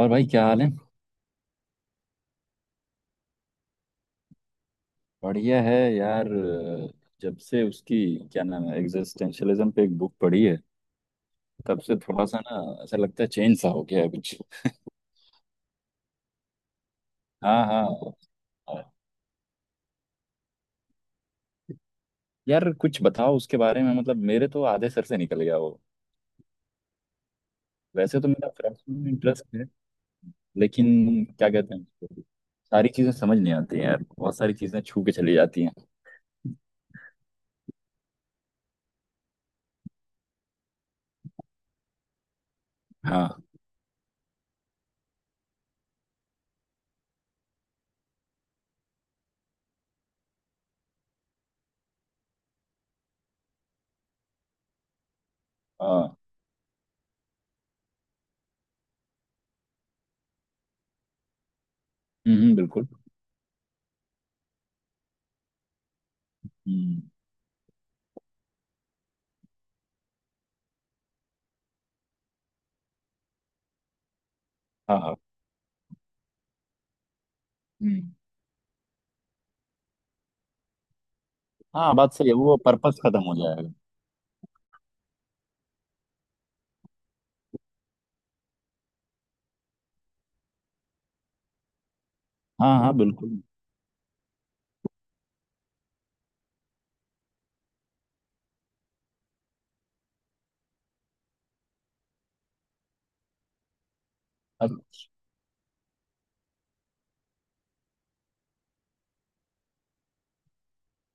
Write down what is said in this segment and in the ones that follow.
और भाई क्या हाल है। बढ़िया है यार। जब से उसकी क्या नाम है एग्जिस्टेंशियलिज्म पे एक बुक पढ़ी है, तब से थोड़ा सा ना ऐसा लगता है चेंज सा हो गया है कुछ। हाँ, हाँ। यार कुछ बताओ उसके बारे में, मतलब मेरे तो आधे सर से निकल गया वो। वैसे तो मेरा फिलोसफी में इंटरेस्ट है, लेकिन क्या कहते हैं उसको, सारी चीजें समझ नहीं आती हैं यार, बहुत सारी चीजें छू के चली जाती हैं। हाँ, हाँ। हम्म, बिल्कुल। हम्म। हाँ, हाँ। हम्म। हाँ, बात सही है, वो पर्पस खत्म हो जाएगा। हाँ, हाँ, बिल्कुल।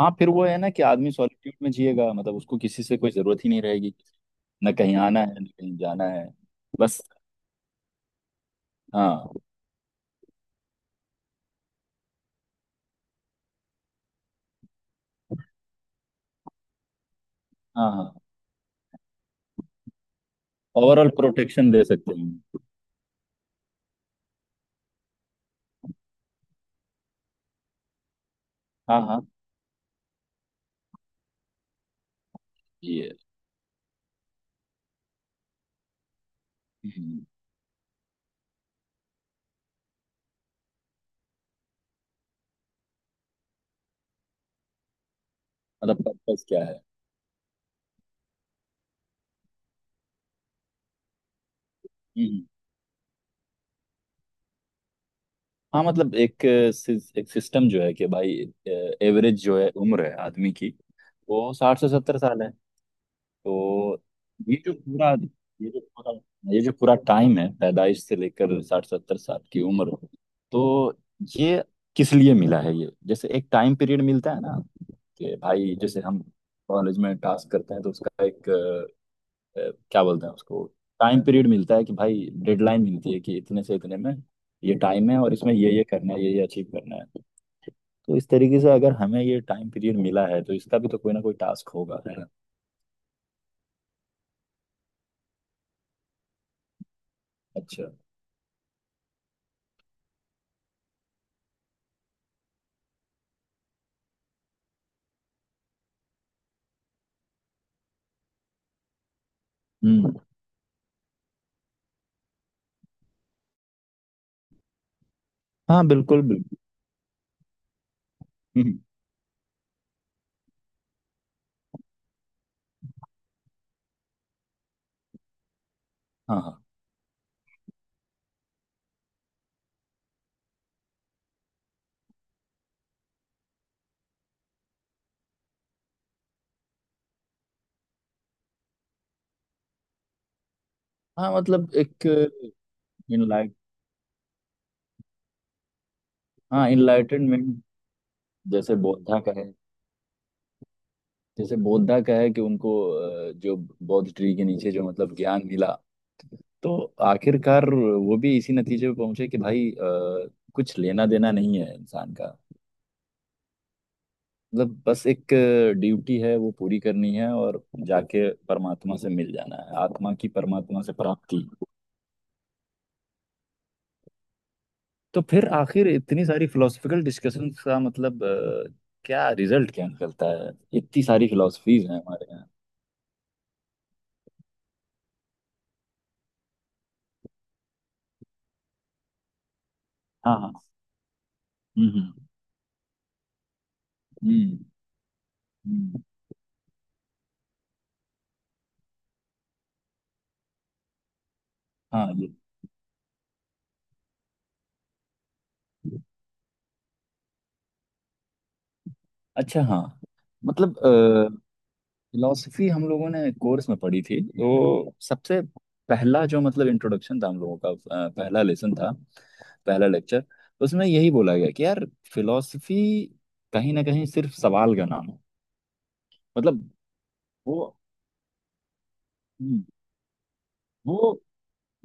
हाँ, फिर वो है ना कि आदमी सॉलिट्यूड में जिएगा, मतलब उसको किसी से कोई जरूरत ही नहीं रहेगी। ना कहीं आना है, ना कहीं जाना है, बस। हाँ हाँ। हाँ। ओवरऑल प्रोटेक्शन दे सकते हैं। हाँ, हाँ, ये। हम्म, मतलब पर्पस क्या है। हम्म। हाँ, मतलब एक एक सिस्टम जो है कि भाई, एवरेज जो है उम्र है आदमी की, वो 60 से 70 साल है। तो ये जो पूरा ये जो पूरा ये जो पूरा टाइम है पैदाइश से लेकर 60-70 साल की उम्र, तो ये किस लिए मिला है? ये जैसे एक टाइम पीरियड मिलता है ना, कि भाई जैसे हम कॉलेज में टास्क करते हैं तो उसका एक क्या बोलते हैं उसको, टाइम पीरियड मिलता है कि भाई डेडलाइन मिलती है कि इतने से इतने में ये टाइम है और इसमें ये करना है, ये अचीव करना है। तो इस तरीके से अगर हमें ये टाइम पीरियड मिला है तो इसका भी तो कोई ना कोई टास्क होगा, है ना। अच्छा। हम्म। हाँ, बिल्कुल बिल्कुल। हम्म, हाँ, हाँ, हाँ, मतलब एक इनलाइट हाँ, इनलाइटनमेंट। जैसे बौद्धा का है जैसे बौद्धा का है कि उनको जो बौद्ध ट्री के नीचे जो मतलब ज्ञान मिला, तो आखिरकार वो भी इसी नतीजे पे पहुंचे कि भाई, कुछ लेना देना नहीं है इंसान का। मतलब बस एक ड्यूटी है, वो पूरी करनी है, और जाके परमात्मा से मिल जाना है, आत्मा की परमात्मा से प्राप्ति। तो फिर आखिर इतनी सारी फिलोसफिकल डिस्कशन का मतलब क्या रिजल्ट क्या निकलता है? इतनी सारी फिलोसफीज हैं हमारे यहाँ। हाँ, हाँ। हम्म, हम्म, हम्म, हम्म। हाँ, ये। अच्छा, हाँ। मतलब फिलोसफी हम लोगों ने कोर्स में पढ़ी थी, तो सबसे पहला जो मतलब इंट्रोडक्शन था हम लोगों का, पहला लेसन था, पहला लेक्चर, उसमें यही बोला गया कि यार फिलोसफी कहीं ना कहीं सिर्फ सवाल का नाम है। मतलब वो हम्म, वो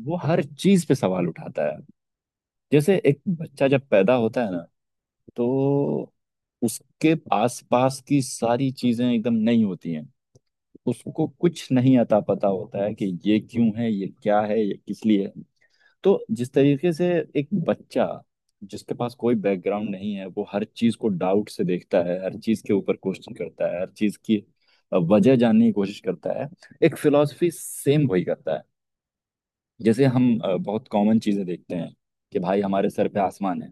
वो हर चीज पे सवाल उठाता है। जैसे एक बच्चा जब पैदा होता है ना, तो उसके आस पास की सारी चीजें एकदम नई होती हैं, उसको कुछ नहीं अता पता होता है कि ये क्यों है, ये क्या है, ये किस लिए है। तो जिस तरीके से एक बच्चा, जिसके पास कोई बैकग्राउंड नहीं है, वो हर चीज को डाउट से देखता है, हर चीज के ऊपर क्वेश्चन करता है, हर चीज की वजह जानने की कोशिश करता है, एक फिलॉसफी सेम वही करता है। जैसे हम बहुत कॉमन चीजें देखते हैं, कि भाई हमारे सर पे आसमान है,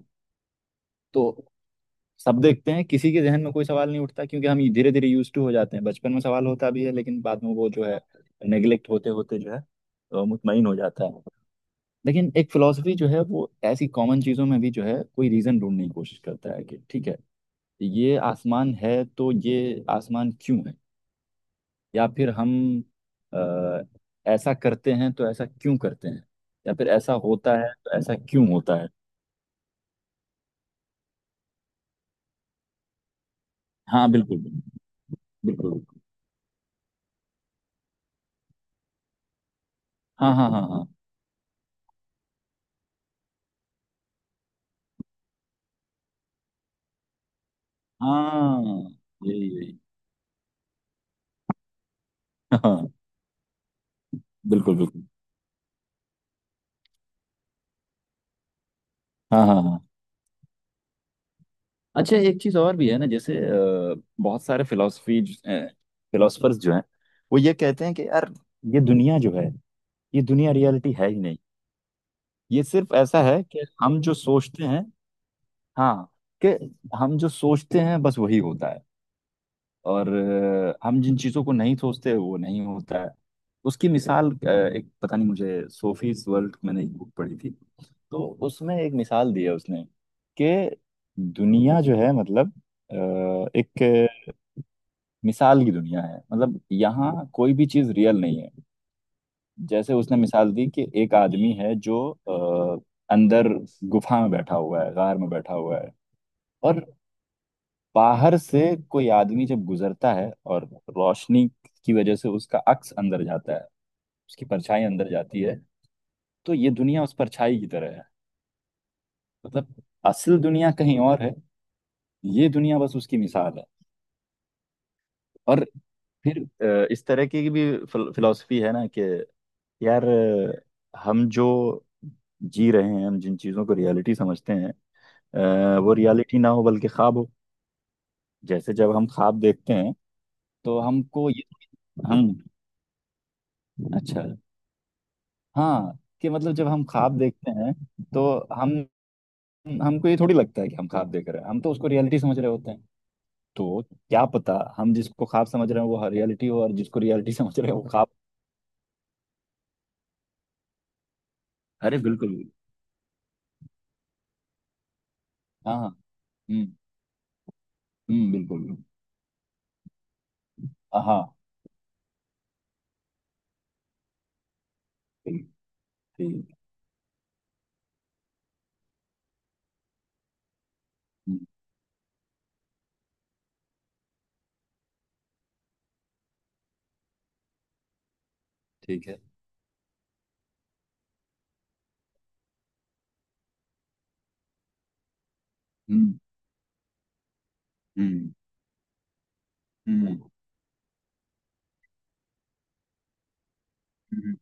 तो सब देखते हैं, किसी के जहन में कोई सवाल नहीं उठता क्योंकि हम धीरे धीरे यूज टू हो जाते हैं। बचपन में सवाल होता भी है लेकिन बाद में वो जो है नेग्लेक्ट होते होते जो है मुतमईन हो जाता है। लेकिन एक फिलोसफी जो है वो ऐसी कॉमन चीजों में भी जो है कोई रीजन ढूंढने की कोशिश करता है, कि ठीक है, ये आसमान है तो ये आसमान क्यों है? या फिर हम अ, ऐसा करते हैं तो ऐसा क्यों करते हैं? या फिर ऐसा होता है तो ऐसा क्यों होता है? हाँ, बिल्कुल बिल्कुल। बिल्कुल बिल्कुल। हाँ, हाँ, हाँ, हाँ। हाँ, यही यही। हाँ, बिल्कुल बिल्कुल। हाँ, हाँ, हाँ। अच्छा, एक चीज और भी है ना, जैसे बहुत सारे फिलोसफी फिलोसफर्स जो हैं, वो ये कहते हैं कि यार ये दुनिया जो है, ये दुनिया रियलिटी है ही नहीं, ये सिर्फ ऐसा है कि हम जो सोचते हैं। हाँ, कि हम जो सोचते हैं बस वही होता है, और हम जिन चीज़ों को नहीं सोचते वो नहीं होता है। उसकी मिसाल एक पता नहीं मुझे, सोफीज वर्ल्ड मैंने एक बुक पढ़ी थी, तो उसमें एक मिसाल दी है उसने कि दुनिया जो है मतलब अ, एक मिसाल की दुनिया है, मतलब यहाँ कोई भी चीज़ रियल नहीं है। जैसे उसने मिसाल दी कि एक आदमी है जो अ, अंदर गुफा में बैठा हुआ है, गार में बैठा हुआ है, और बाहर से कोई आदमी जब गुजरता है और रोशनी की वजह से उसका अक्स अंदर जाता है, उसकी परछाई अंदर जाती है, तो ये दुनिया उस परछाई की तरह है, मतलब असल दुनिया कहीं और है, ये दुनिया बस उसकी मिसाल है। और फिर इस तरह की भी फिलॉसफी है ना, कि यार, हम जो जी रहे हैं, हम जिन चीज़ों को रियलिटी समझते हैं, वो रियलिटी ना हो बल्कि ख्वाब हो। जैसे जब हम ख्वाब देखते हैं तो हमको ये हम अच्छा, हाँ, कि मतलब जब हम ख्वाब देखते हैं तो हम हमको ये थोड़ी लगता है कि हम ख्वाब देख रहे हैं, हम तो उसको रियलिटी समझ रहे होते हैं। तो क्या पता हम जिसको ख्वाब समझ रहे हैं वो रियलिटी हो और जिसको रियलिटी समझ रहे हैं वो ख्वाब। अरे, बिल्कुल बिल्कुल। हाँ, हाँ, हम्म, हम्म, बिल्कुल बिल्कुल। हाँ, ठीक, ठीक। हम्म, ठीक है। हम्म, हम्म, हम्म, हम्म,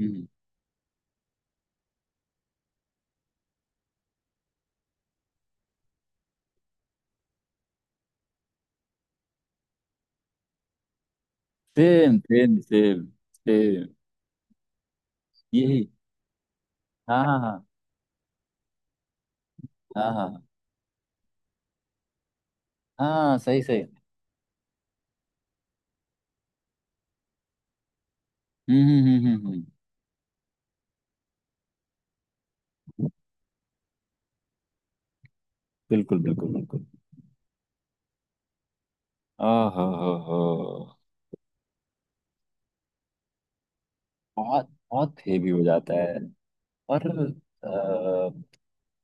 हम्म। Same, same, same. सेम। यही। हाँ, हाँ, हाँ, हाँ। हाँ, हाँ, सही सही। हम्म, हम्म, हम्म, हम्म, बिल्कुल बिल्कुल बिल्कुल। ओहो हो हो। बहुत बहुत हेवी हो जाता है। और अ,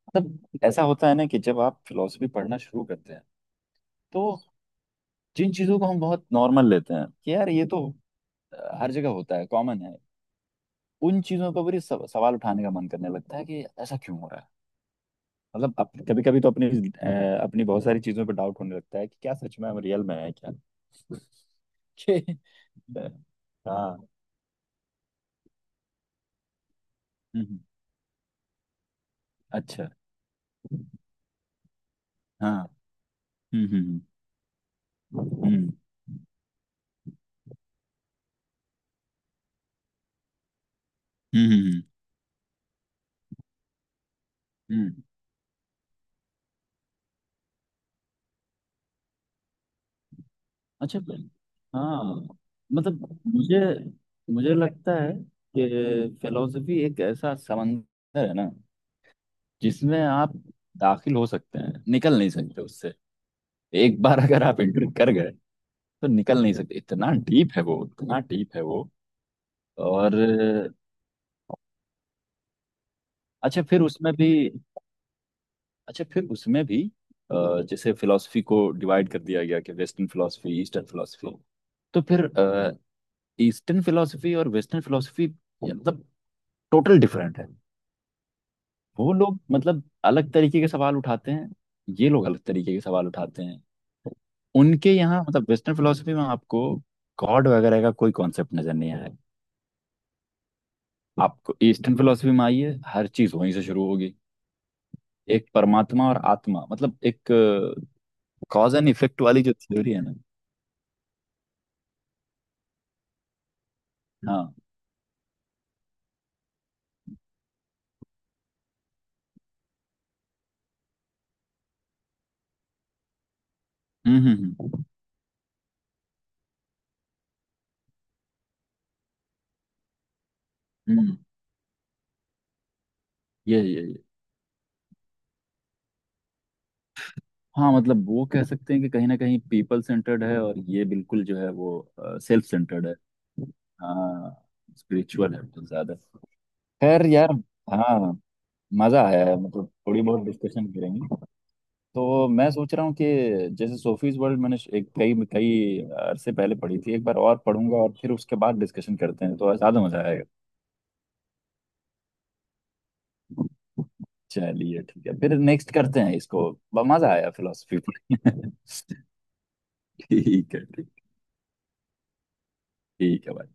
मतलब ऐसा होता है ना, कि जब आप फिलोसफी पढ़ना शुरू करते हैं, तो जिन चीज़ों को हम बहुत नॉर्मल लेते हैं कि यार ये तो हर जगह होता है, कॉमन है, उन चीज़ों पर भी सवाल उठाने का मन करने लगता है कि ऐसा क्यों हो रहा है। मतलब कभी कभी तो अपनी बहुत सारी चीज़ों पर डाउट होने लगता है कि क्या सच में हम रियल में है क्या। कि- हाँ। हम्म। अच्छा, हाँ। हम्म, हम्म, हम्म, हम्म, हम्म, हम्म। अच्छा फिल्म। हाँ, मतलब मुझे मुझे लगता है कि फिलोसफी एक ऐसा समंदर है ना, जिसमें आप दाखिल हो सकते हैं, निकल नहीं सकते उससे। एक बार अगर आप एंटर कर गए तो निकल नहीं सकते, इतना डीप है वो, इतना डीप है वो। और अच्छा फिर उसमें भी अच्छा, फिर उसमें भी जैसे फिलोसफी को डिवाइड कर दिया गया, कि वेस्टर्न फिलोसफी, ईस्टर्न फिलोसफी। तो फिर ईस्टर्न फिलोसफी और वेस्टर्न फिलोसफी मतलब टोटल डिफरेंट है। वो लोग मतलब अलग तरीके के सवाल उठाते हैं, ये लोग अलग तरीके के सवाल उठाते हैं। उनके यहाँ, मतलब वेस्टर्न फिलोसफी में, आपको गॉड वगैरह का कोई कॉन्सेप्ट नजर नहीं आएगा। आपको ईस्टर्न फिलोसफी में आइए, हर चीज वहीं से शुरू होगी, एक परमात्मा और आत्मा, मतलब एक कॉज एंड इफेक्ट वाली जो थ्योरी है ना। हाँ, हम्म, हम्म, हम्म, हम्म। ये हाँ, मतलब वो कह सकते हैं कि कहीं ना कहीं पीपल सेंटर्ड है और ये बिल्कुल जो है वो सेल्फ सेंटर्ड है। हाँ, स्पिरिचुअल है बहुत ज्यादा। खैर यार। हाँ। मजा आया है, मतलब थोड़ी बहुत डिस्कशन करेंगे। तो मैं सोच रहा हूँ कि जैसे सोफीज वर्ल्ड मैंने एक कई कई अरसे पहले पढ़ी थी, एक बार और पढ़ूंगा और फिर उसके बाद डिस्कशन करते हैं तो ज्यादा मजा आएगा। चलिए, ठीक है, फिर नेक्स्ट करते हैं इसको। मजा आया फिलोसफी। ठीक है, ठीक। ठीक है भाई।